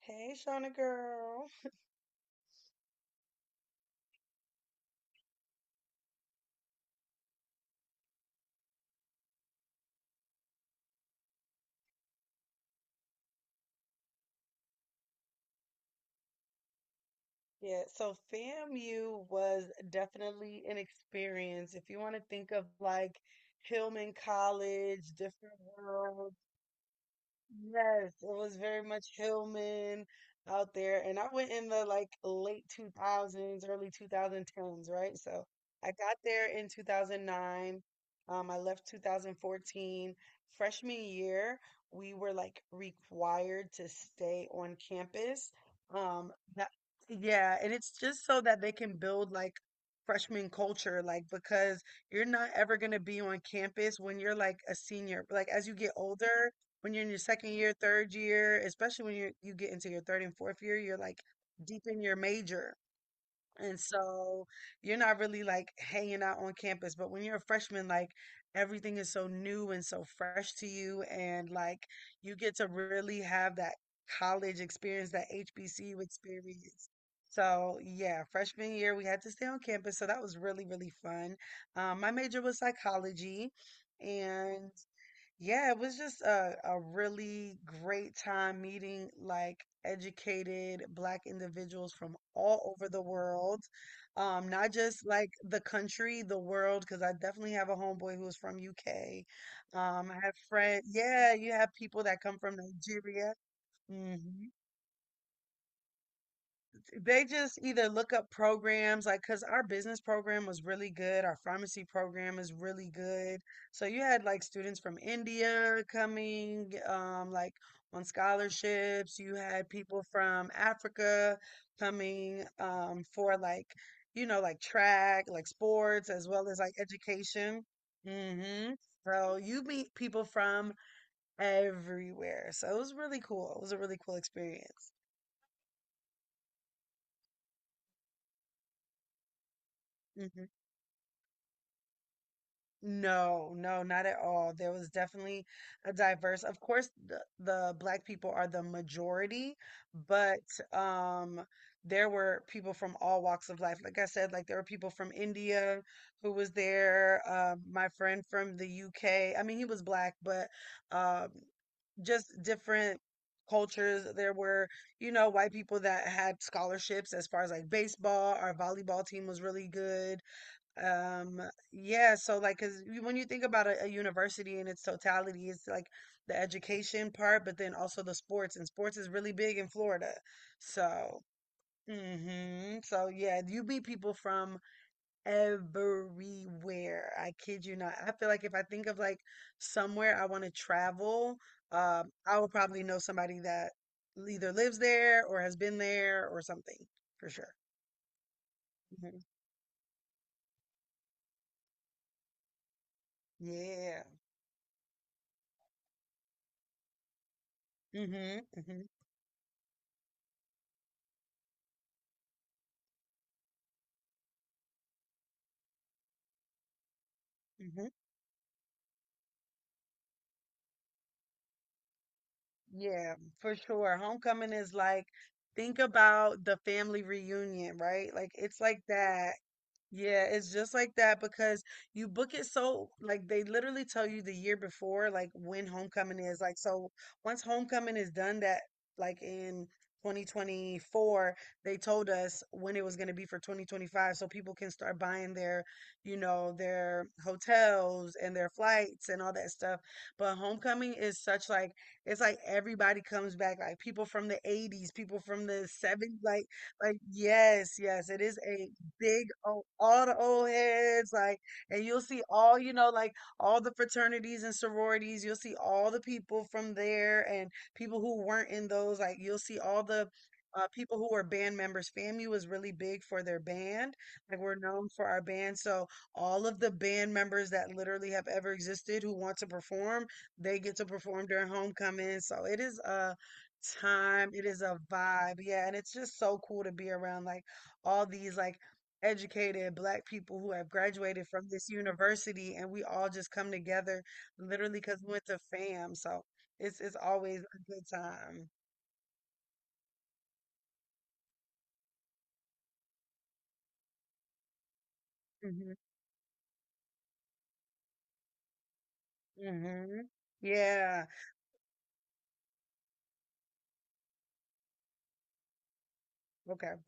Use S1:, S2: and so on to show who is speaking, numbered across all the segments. S1: Hey, Shauna girl. Yeah, so FAMU was definitely an experience. If you want to think of like Hillman College, different world. Yes, it was very much Hillman out there. And I went in the like late 2000s, early 2010s, right? So I got there in 2009. I left 2014. Freshman year, we were like required to stay on campus. Um, that, yeah, and it's just so that they can build like freshman culture, like because you're not ever going to be on campus when you're like a senior. Like as you get older, when you're in your second year, third year, especially when you get into your third and fourth year, you're like deep in your major. And so you're not really like hanging out on campus. But when you're a freshman, like everything is so new and so fresh to you. And like you get to really have that college experience, that HBCU experience. So yeah, freshman year we had to stay on campus. So that was really, really fun. My major was psychology. And yeah, it was just a really great time meeting like educated black individuals from all over the world. Not just like the country, the world, because I definitely have a homeboy who's from UK. I have friends, yeah, you have people that come from Nigeria. hmm they just either look up programs, like, because our business program was really good. Our pharmacy program is really good. So you had like students from India coming, like on scholarships. You had people from Africa coming, for like, you know, like track, like sports, as well as like education. hmm So you meet people from everywhere. So it was really cool. It was a really cool experience. Mm-hmm. No, no, not at all. There was definitely a diverse. Of course, the black people are the majority, but um there were people from all walks of life. Like I said, like there were people from India who was there, my friend from the UK. I mean, he was black, but um just different cultures. There were, you know, white people that had scholarships as far as like baseball. Our volleyball team was really good. Um, yeah, so like, 'cause you- when you think about a university in its totality, it's like the education part, but then also the sports, and sports is really big in Florida. So, so yeah, you meet people from everywhere. I kid you not. I feel like if I think of like somewhere I want to travel, I will probably know somebody that either lives there or has been there or something for sure. hmm Yeah. hmm hmm hmm Yeah, for sure. Homecoming is like, think about the family reunion, right? Like, it's like that. Yeah, it's just like that because you book it so like they literally tell you the year before like when homecoming is. Like so once homecoming is done that like in 2024, they told us when it was going to be for 2025 so people can start buying their, you know, their hotels and their flights and all that stuff. But homecoming is such like it's like everybody comes back like people from the 80s, people from the 70s like yes, yes, it is a big old, all the old heads, like, and you'll see all, you know, like all the fraternities and sororities. You'll see all the people from there and people who weren't in those. Like, you'll see all the people who were band members. FAMU was really big for their band. Like, we're known for our band. So, all of the band members that literally have ever existed who want to perform, they get to perform during homecoming. So, it is a time. It is a vibe. Yeah. And it's just so cool to be around like all these like educated black people who have graduated from this university and we all just come together literally because we went to fam so it's always a good time. hmm hmm yeah. Okay.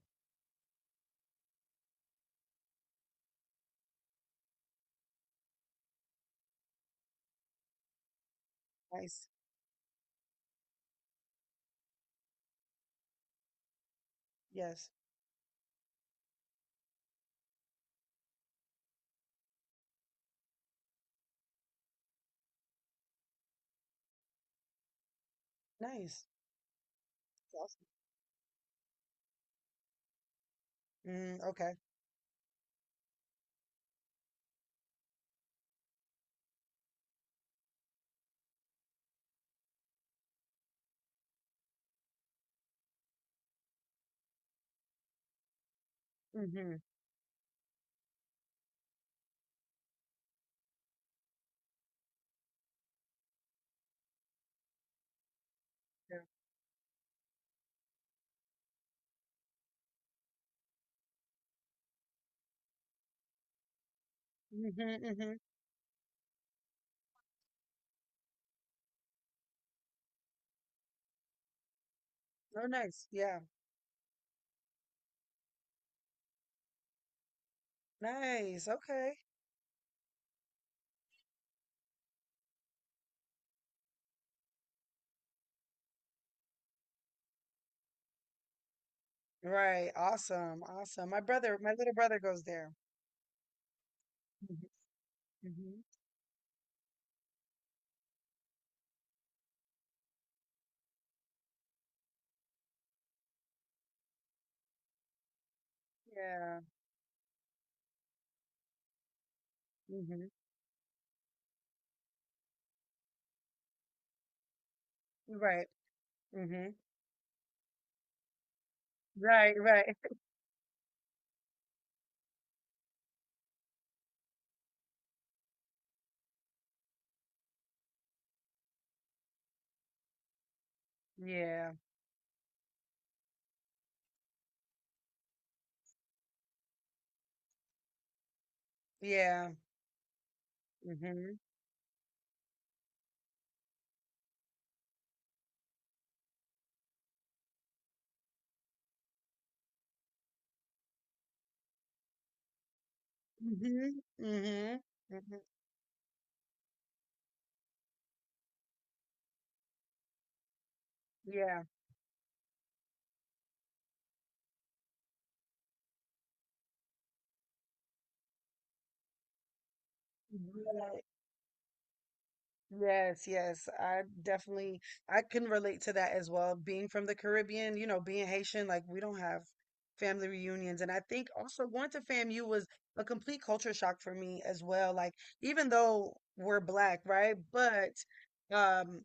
S1: Nice. Yes. Nice. Awesome. Okay. hmm yeah. hmm hmm oh, nice. Yeah. Nice. Okay. Right. Awesome, awesome. My brother, my little brother goes there. hmm hmm yeah. hmm right. hmm Right, right. Yeah. Yeah. Mhm. Mhm. Mhm. Mhm. Yeah. Yeah. Yes, yes. I definitely I can relate to that as well. Being from the Caribbean, you know, being Haitian, like we don't have family reunions. And I think also going to FAMU was a complete culture shock for me as well. Like even though we're black, right? But um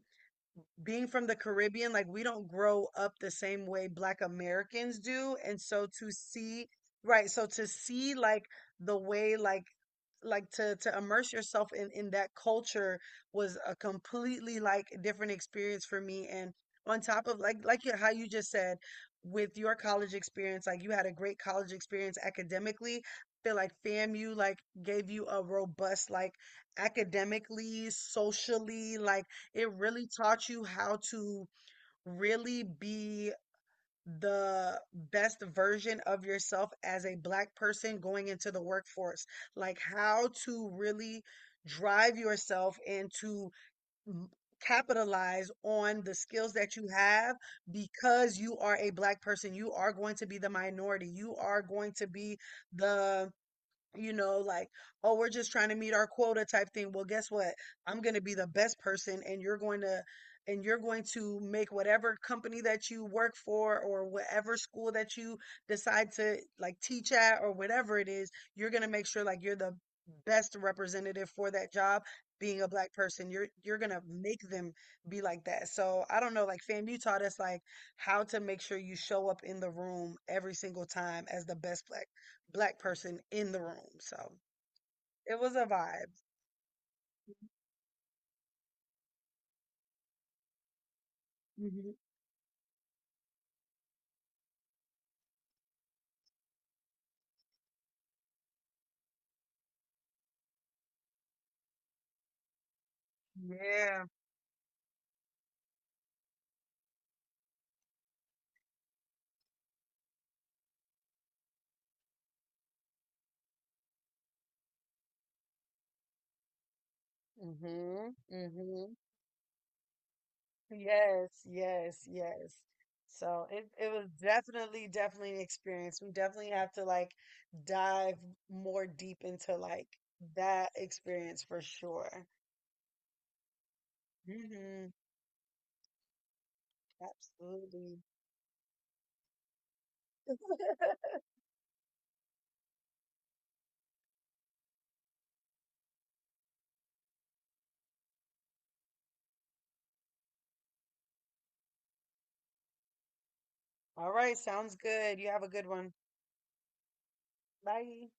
S1: being from the Caribbean, like we don't grow up the same way Black Americans do. And so to see, right, so to see like the way like to immerse yourself in that culture was a completely like different experience for me. And on top of like you- how you just said with your college experience, like you had a great college experience academically. I feel like FAMU like gave you a robust like academically, socially, like it really taught you how to really be the best version of yourself as a black person going into the workforce. Like how to really drive yourself and to m- capitalize on the skills that you have because you are a black person. You are going to be the minority. You are going to be the you know, like, oh, we're just trying to meet our quota type thing. Well, guess what? I'm going to be the best person and you're going to make whatever company that you work for or whatever school that you decide to like teach at or whatever it is, you're going to make sure like you're the best representative for that job being a black person. You're going to make them be like that. So, I don't know, like fam, you taught us like how to make sure you show up in the room every single time as the best black person in the room. So it was a vibe. hmm Yeah. hmm hmm Yes, yes, yes. So it was definitely, definitely an experience. We definitely have to like dive more deep into like that experience for sure. hmm Absolutely. All right, sounds good. You have a good one. Bye.